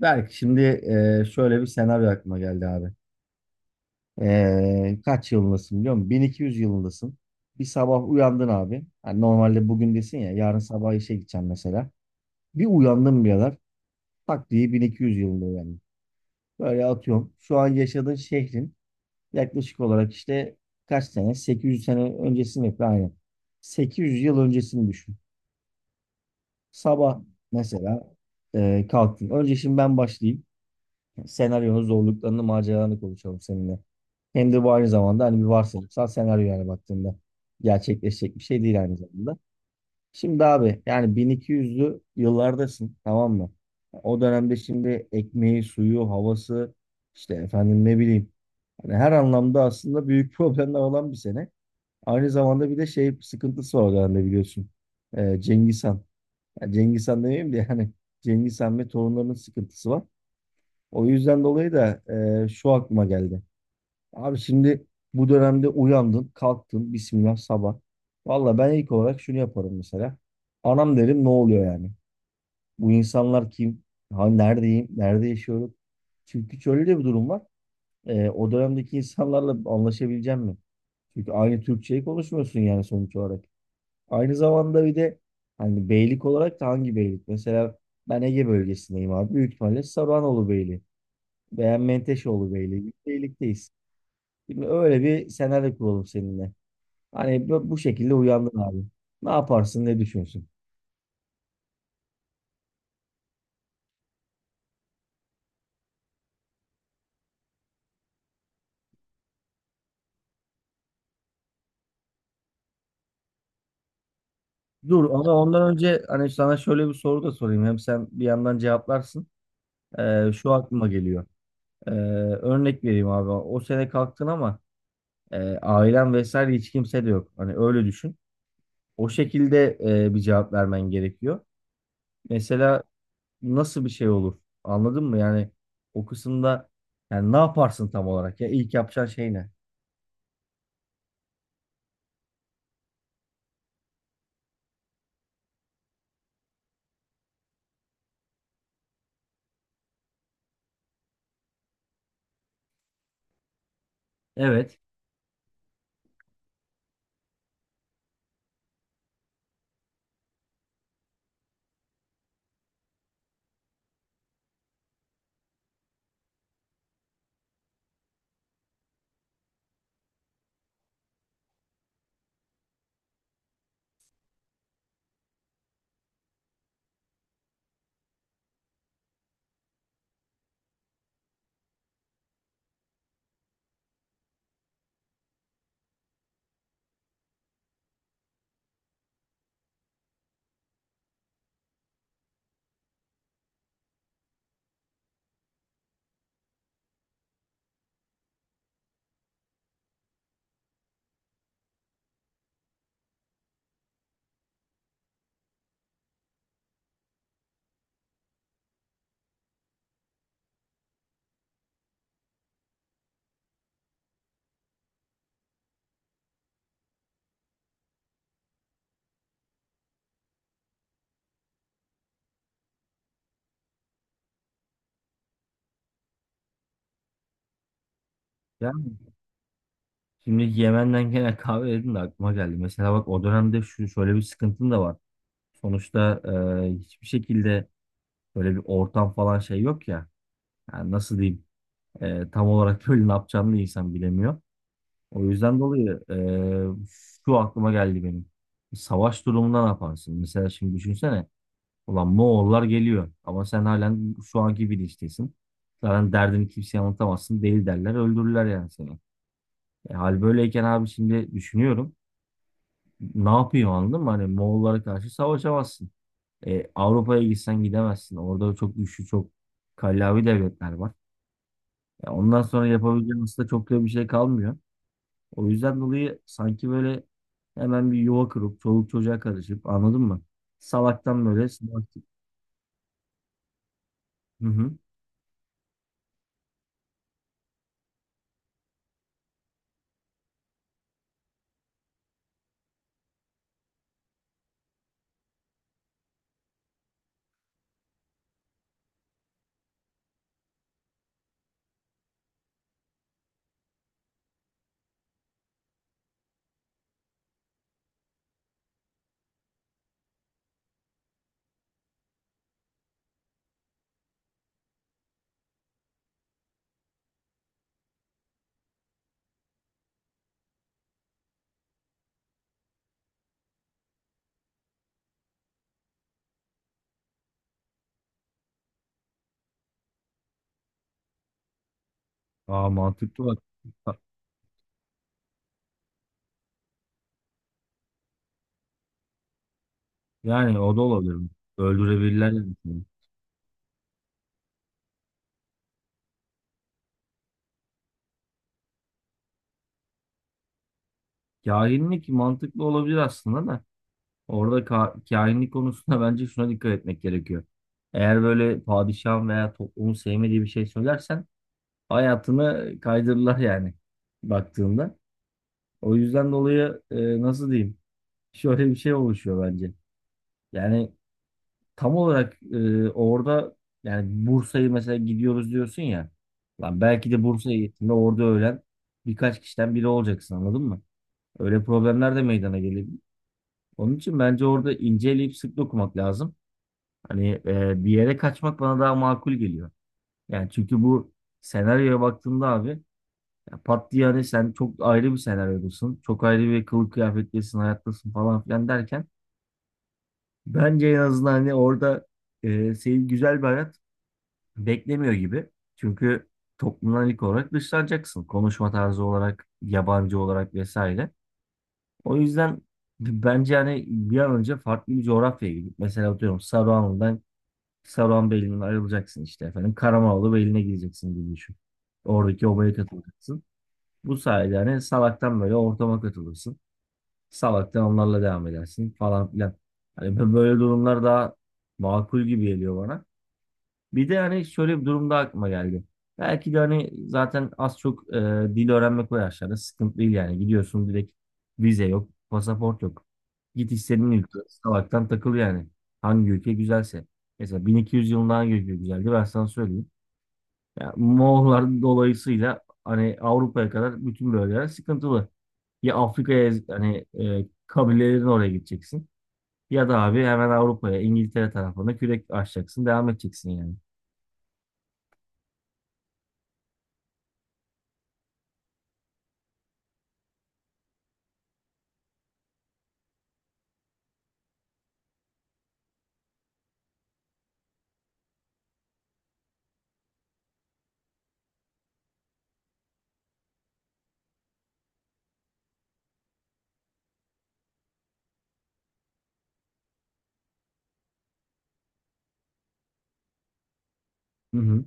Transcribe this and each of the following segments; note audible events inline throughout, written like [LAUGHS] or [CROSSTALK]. Berk şimdi şöyle bir senaryo aklıma geldi abi. Kaç yılındasın biliyor musun? 1200 yılındasın. Bir sabah uyandın abi. Hani normalde bugün desin ya yarın sabah işe gideceğim mesela. Bir uyandın birader. Tak diye 1200 yılında uyandın. Böyle atıyorum. Şu an yaşadığın şehrin yaklaşık olarak işte kaç sene? 800 sene öncesini yapıyor aynen. 800 yıl öncesini düşün. Sabah mesela kalktın. Önce şimdi ben başlayayım. Senaryonun zorluklarını, maceralarını konuşalım seninle. Hem de bu aynı zamanda hani bir varsayımsal senaryo yani baktığında gerçekleşecek bir şey değil aynı zamanda. Şimdi abi yani 1200'lü yıllardasın, tamam mı? O dönemde şimdi ekmeği, suyu, havası işte efendim ne bileyim hani her anlamda aslında büyük [LAUGHS] problemler olan bir sene. Aynı zamanda bir de şey sıkıntısı var o dönemde biliyorsun. Cengiz Han. Yani Cengiz Han demeyeyim de yani Cengiz Han ve torunlarının sıkıntısı var. O yüzden dolayı da şu aklıma geldi. Abi şimdi bu dönemde uyandın, kalktın, bismillah sabah. Valla ben ilk olarak şunu yaparım mesela. Anam derim, ne oluyor yani? Bu insanlar kim? Ha, neredeyim? Nerede yaşıyorum? Çünkü şöyle de bir durum var. O dönemdeki insanlarla anlaşabileceğim mi? Çünkü aynı Türkçeyi konuşmuyorsun yani sonuç olarak. Aynı zamanda bir de hani beylik olarak da hangi beylik? Mesela ben Ege bölgesindeyim abi. Büyük ihtimalle Sarıhanoğlu Beyliği. Beğen Menteşoğlu Bey'le birlikteyiz. Şimdi öyle bir senaryo kuralım seninle. Hani bu şekilde uyandın abi. Ne yaparsın, ne düşünsün? Dur ama ondan önce hani sana şöyle bir soru da sorayım. Hem sen bir yandan cevaplarsın. Şu aklıma geliyor. Ee, Örnek vereyim abi. O sene kalktın ama ailen vesaire hiç kimse de yok. Hani öyle düşün. O şekilde bir cevap vermen gerekiyor. Mesela nasıl bir şey olur? Anladın mı? Yani o kısımda yani ne yaparsın tam olarak ya? İlk yapacağın şey ne? Evet. Yani şimdi Yemen'den gelen kahve dedim de aklıma geldi. Mesela bak o dönemde şu şöyle bir sıkıntın da var. Sonuçta hiçbir şekilde böyle bir ortam falan şey yok ya. Yani nasıl diyeyim? Tam olarak böyle ne yapacağını da insan bilemiyor. O yüzden dolayı şu aklıma geldi benim. Savaş durumunda ne yaparsın? Mesela şimdi düşünsene. Ulan Moğollar geliyor ama sen halen şu anki bilinçtesin. Zaten derdini kimseye anlatamazsın. Değil derler öldürürler yani seni. Hal böyleyken abi şimdi düşünüyorum. Ne yapıyor anladın mı? Hani Moğollara karşı savaşamazsın. Avrupa'ya gitsen gidemezsin. Orada çok güçlü, çok kallavi devletler var. Ondan sonra yapabileceğin aslında çok da bir şey kalmıyor. O yüzden dolayı sanki böyle hemen bir yuva kurup çoluk çocuğa karışıp anladın mı? Salaktan böyle savaş- Hı hı. Aa, mantıklı bak. Yani o da olabilir. Öldürebilirler yani seni. Kahinlik mantıklı olabilir aslında da. Orada kahinlik konusunda [LAUGHS] bence şuna dikkat etmek gerekiyor. Eğer böyle padişahın veya toplumun sevmediği bir şey söylersen hayatını kaydırırlar yani baktığında. O yüzden dolayı nasıl diyeyim? [LAUGHS] Şöyle bir şey oluşuyor bence. Yani tam olarak orada yani Bursa'yı mesela gidiyoruz diyorsun ya. Lan belki de Bursa'ya gittiğinde orada ölen birkaç kişiden biri olacaksın anladın mı? Öyle problemler de meydana gelebilir. Onun için bence orada inceleyip sık dokumak lazım. Hani bir yere kaçmak bana daha makul geliyor. Yani çünkü bu senaryoya baktığımda abi ya pat diye hani sen çok ayrı bir senaryodasın. Çok ayrı bir kılık kıyafetlisin, hayattasın falan filan derken bence en azından hani orada seni güzel bir hayat beklemiyor gibi. Çünkü toplumdan ilk olarak dışlanacaksın. Konuşma tarzı olarak, yabancı olarak vesaire. O yüzden bence hani bir an önce farklı bir coğrafyaya gidip mesela atıyorum Saruhanbeyli'nden ayrılacaksın işte efendim. Karamanoğlu Beyliği'ne gideceksin gibi düşün. Oradaki obaya katılacaksın. Bu sayede hani salaktan böyle ortama katılırsın. Salaktan onlarla devam edersin falan filan. Hani böyle durumlar daha makul gibi geliyor bana. Bir de hani şöyle bir durumda aklıma geldi. Belki de hani zaten az çok dil öğrenmek o yaşlarda sıkıntı değil yani. Gidiyorsun direkt, vize yok, pasaport yok. Git istediğin ülke, salaktan takıl yani. Hangi ülke güzelse. Mesela 1200 yılında hangi ülke güzeldi ben sana söyleyeyim. Ya Moğollar dolayısıyla hani Avrupa'ya kadar bütün bölgeler sıkıntılı. Ya Afrika'ya hani kabilelerin oraya gideceksin. Ya da abi hemen Avrupa'ya, İngiltere tarafına kürek açacaksın, devam edeceksin yani. Hı hı.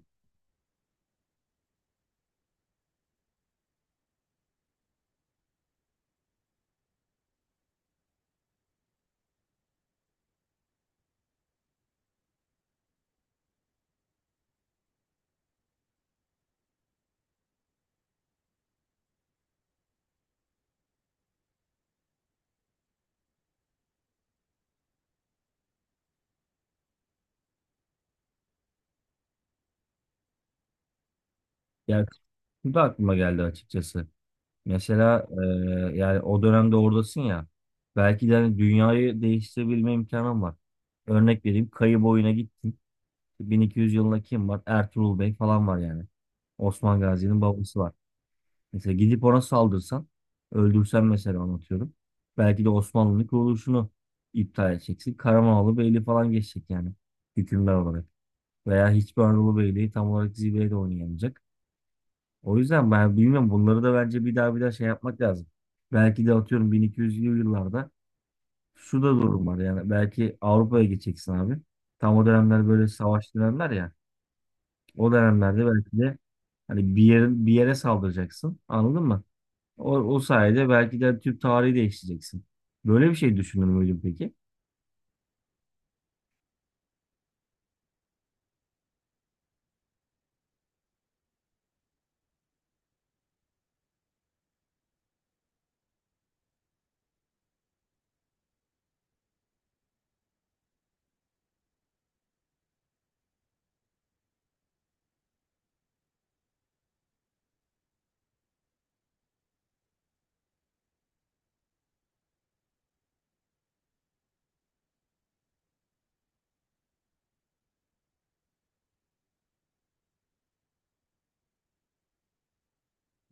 Ya, bu da aklıma geldi açıkçası. Mesela yani o dönemde oradasın ya. Belki de hani dünyayı değiştirebilme imkanım var. Örnek vereyim, Kayı Boyu'na gittim. 1200 yılında kim var? Ertuğrul Bey falan var yani. Osman Gazi'nin babası var. Mesela gidip ona saldırsan, öldürsen mesela, anlatıyorum. Belki de Osmanlı'nın kuruluşunu iptal edeceksin. Karamanoğlu Beyliği falan geçecek yani hükümdar olarak. Veya hiçbir Anadolu Beyliği tam olarak zirveye de oynayamayacak. O yüzden ben bilmiyorum bunları da bence bir daha şey yapmak lazım. Belki de atıyorum 1200'lü yıllarda şu da durum var yani belki Avrupa'ya gideceksin abi. Tam o dönemler böyle savaş dönemler ya. O dönemlerde belki de hani bir yerin bir yere saldıracaksın. Anladın mı? O sayede belki de Türk tarihi değiştireceksin. Böyle bir şey düşünür müydün peki?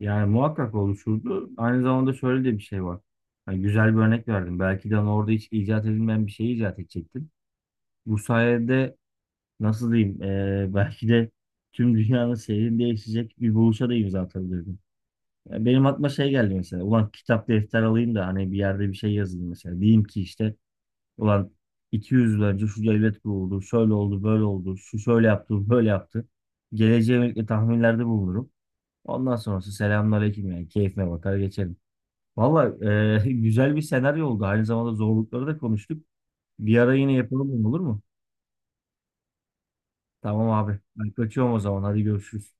Yani muhakkak oluşurdu. Aynı zamanda şöyle de bir şey var. Hani güzel bir örnek verdim. Belki de hani orada hiç icat edilmeyen bir şey icat edecektin. Bu sayede nasıl diyeyim, belki de tüm dünyanın seyrini değişecek bir buluşa da imza atabilirdim. Ya benim aklıma şey geldi mesela. Ulan kitap defter alayım da hani bir yerde bir şey yazayım mesela. Diyeyim ki işte ulan 200 yıl önce şu devlet kuruldu, şöyle oldu, böyle oldu, şu şöyle yaptı, bu böyle yaptı. Geleceğe yönelik de tahminlerde bulunurum. Ondan sonrası selamünaleyküm yani keyfime bakar geçerim. Valla [LAUGHS] güzel bir senaryo oldu. Aynı zamanda zorlukları da konuştuk. Bir ara yine yapalım, olur mu? Tamam abi. Ben kaçıyorum o zaman. Hadi görüşürüz.